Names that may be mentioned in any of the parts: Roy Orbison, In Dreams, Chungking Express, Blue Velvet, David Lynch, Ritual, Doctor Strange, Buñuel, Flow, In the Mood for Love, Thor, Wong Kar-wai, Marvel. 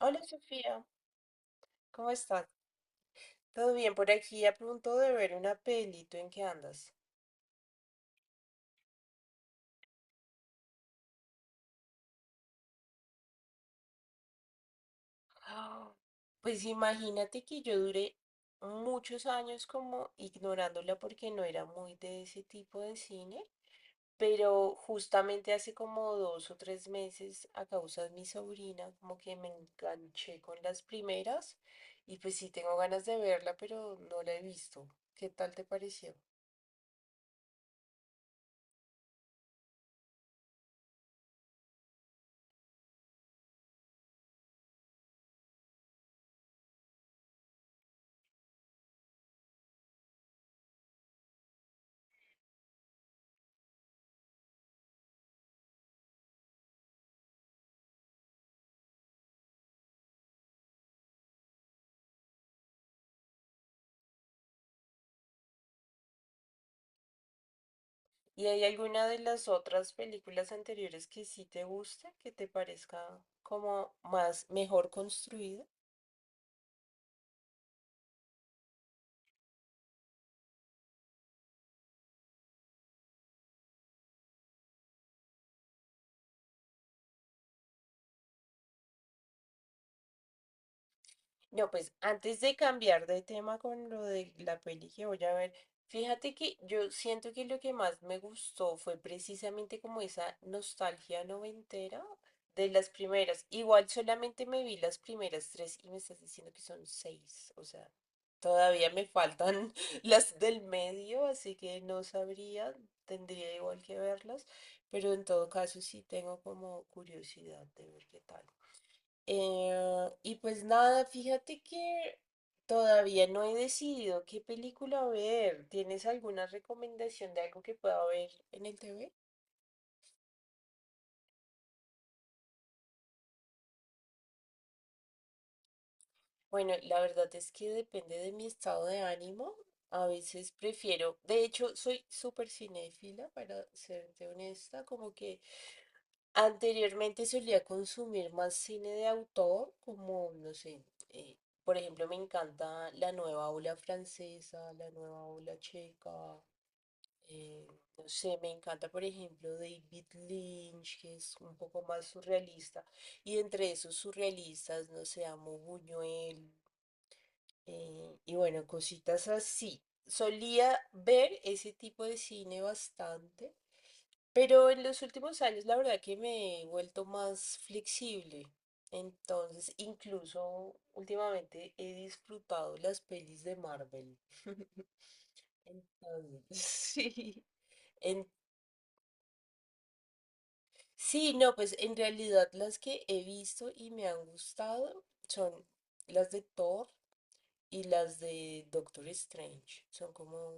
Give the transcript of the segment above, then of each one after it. Hola Sofía, ¿cómo estás? ¿Todo bien por aquí? A punto de ver una peli, ¿tú en qué andas? Ah, pues imagínate que yo duré muchos años como ignorándola porque no era muy de ese tipo de cine, pero justamente hace como dos o tres meses a causa de mi sobrina como que me enganché con las primeras y pues sí tengo ganas de verla, pero no la he visto. ¿Qué tal te pareció? ¿Y hay alguna de las otras películas anteriores que sí te gusta que te parezca como más mejor construida? No, pues antes de cambiar de tema con lo de la peli que voy a ver, fíjate que yo siento que lo que más me gustó fue precisamente como esa nostalgia noventera de las primeras. Igual solamente me vi las primeras tres y me estás diciendo que son seis, o sea, todavía me faltan las del medio, así que no sabría, tendría igual que verlas, pero en todo caso sí tengo como curiosidad de ver qué tal. Y pues nada, fíjate que todavía no he decidido qué película ver. ¿Tienes alguna recomendación de algo que pueda ver en el TV? Bueno, la verdad es que depende de mi estado de ánimo. A veces prefiero, de hecho, soy súper cinéfila, para serte honesta, como que anteriormente solía consumir más cine de autor, como, no sé, eh, por ejemplo, me encanta la nueva ola francesa, la nueva ola checa. Eh, no sé, me encanta, por ejemplo, David Lynch, que es un poco más surrealista. Y entre esos surrealistas, no sé, amo Buñuel. Y bueno, cositas así. Solía ver ese tipo de cine bastante, pero en los últimos años la verdad que me he vuelto más flexible. Entonces, incluso últimamente he disfrutado las pelis de Marvel. Entonces, sí. Sí, no, pues en realidad las que he visto y me han gustado son las de Thor y las de Doctor Strange. Son como,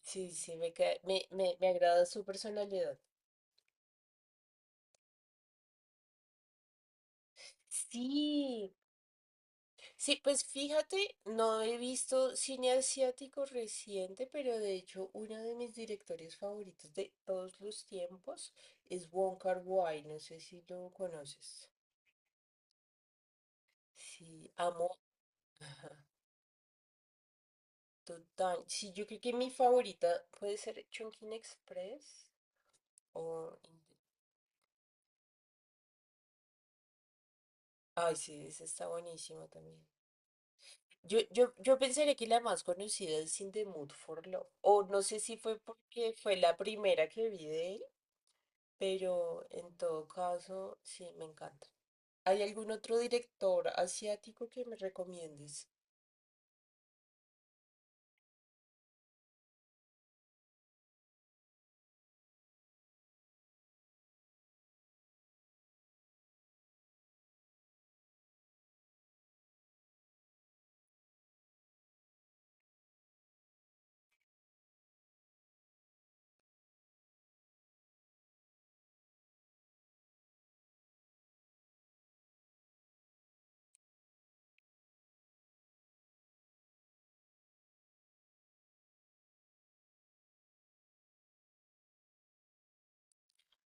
sí, sí, me, ca- me agrada su personalidad. Sí, sí, pues fíjate, no he visto cine asiático reciente, pero de hecho uno de mis directores favoritos de todos los tiempos es Wong Kar-wai, no sé si lo conoces. Sí, amo. Total. Sí, yo creo que mi favorita puede ser Chungking Express o... Ay, sí, esa está buenísima también. Yo pensaría que la más conocida es In the Mood for Love. O no sé si fue porque fue la primera que vi de él, pero en todo caso, sí, me encanta. ¿Hay algún otro director asiático que me recomiendes?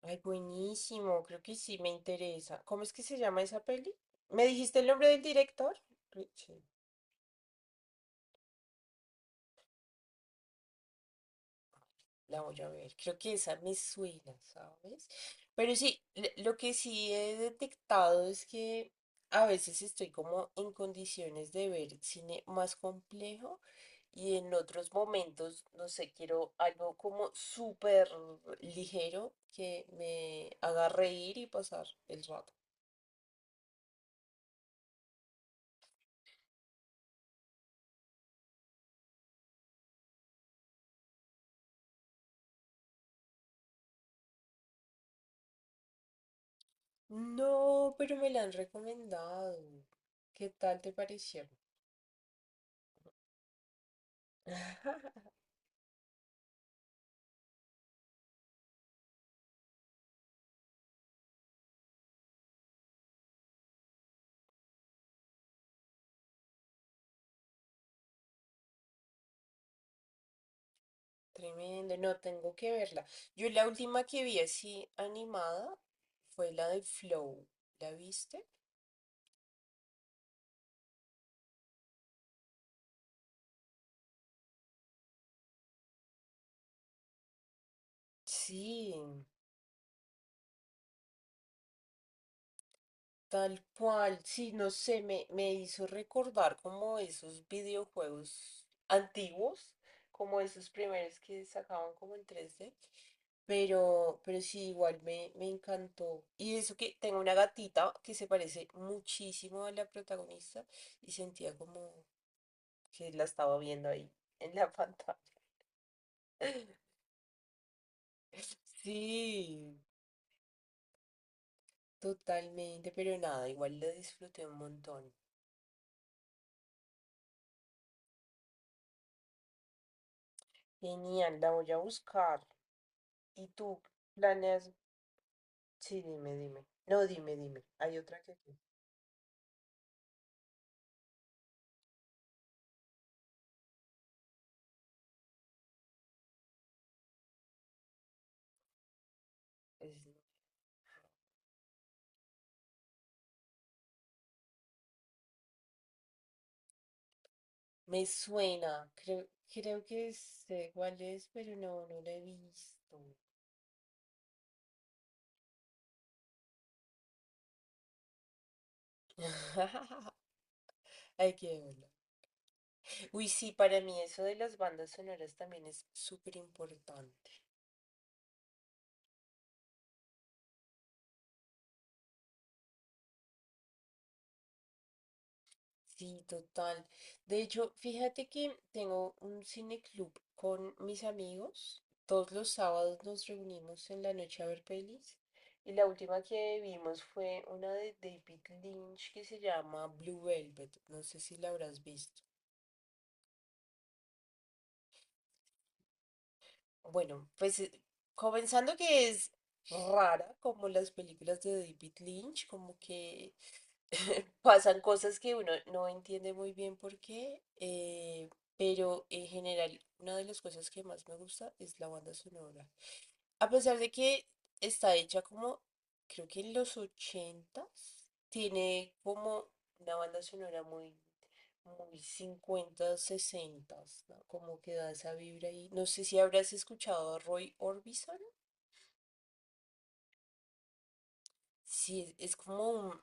Ay, buenísimo, creo que sí me interesa. ¿Cómo es que se llama esa peli? ¿Me dijiste el nombre del director? Sí. La voy a ver, creo que esa me suena, ¿sabes? Pero sí, lo que sí he detectado es que a veces estoy como en condiciones de ver cine más complejo y en otros momentos, no sé, quiero algo como súper ligero que me haga reír y pasar el rato. No, pero me la han recomendado. ¿Qué tal te pareció? Tremendo, no tengo que verla. Yo la última que vi así animada fue la de Flow. ¿La viste? Sí, tal cual. Sí, no sé, me hizo recordar como esos videojuegos antiguos, como esos primeros que sacaban como en 3D. Pero sí, igual me encantó. Y eso que tengo una gatita que se parece muchísimo a la protagonista y sentía como que la estaba viendo ahí en la pantalla. Sí, totalmente, pero nada, igual lo disfruté un montón. Genial, la voy a buscar. ¿Y tú planeas? Sí, dime, dime. No, dime, dime. Hay otra. Es- Me suena, creo, que sé cuál es, pero no, no la he visto. Hay que verla. Uy, sí, para mí eso de las bandas sonoras también es súper importante. Sí, total. De hecho, fíjate que tengo un cine club con mis amigos. Todos los sábados nos reunimos en la noche a ver pelis. Y la última que vimos fue una de David Lynch que se llama Blue Velvet. No sé si la habrás visto. Bueno, pues comenzando que es rara como las películas de David Lynch, como que pasan cosas que uno no entiende muy bien por qué, pero en general una de las cosas que más me gusta es la banda sonora. A pesar de que está hecha como, creo que en los ochentas, tiene como una banda sonora muy, muy cincuentas, sesentas, ¿no? Como que da esa vibra ahí. No sé si habrás escuchado a Roy Orbison. Sí, es es como un,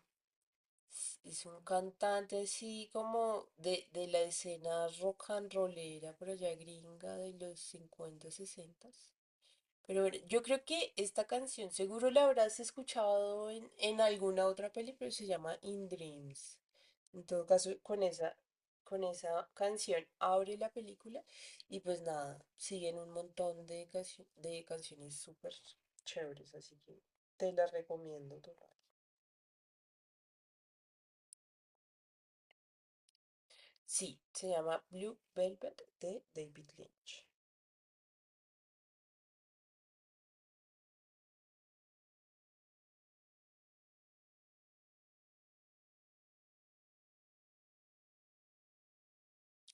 Es un cantante así como de la escena rock and rollera por allá gringa de los 50 60. Pero bueno, yo creo que esta canción seguro la habrás escuchado en alguna otra peli, pero se llama In Dreams. En todo caso, con esa canción abre la película y pues nada, siguen un montón de canciones súper chéveres, así que te las recomiendo total. Sí, se llama Blue Velvet de David Lynch.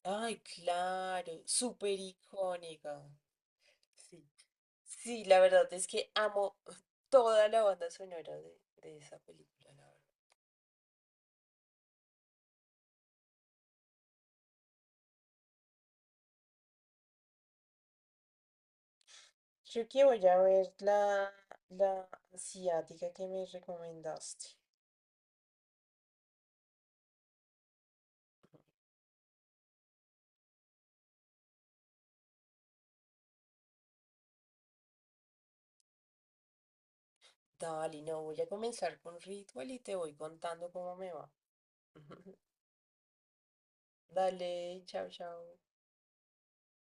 Ay, claro, súper icónica. Sí. Sí, la verdad es que amo toda la banda sonora de esa película, la verdad. Creo que voy a ver la, la, asiática que me recomendaste. Dale, no, voy a comenzar con Ritual y te voy contando cómo me va. Dale, chao, chao.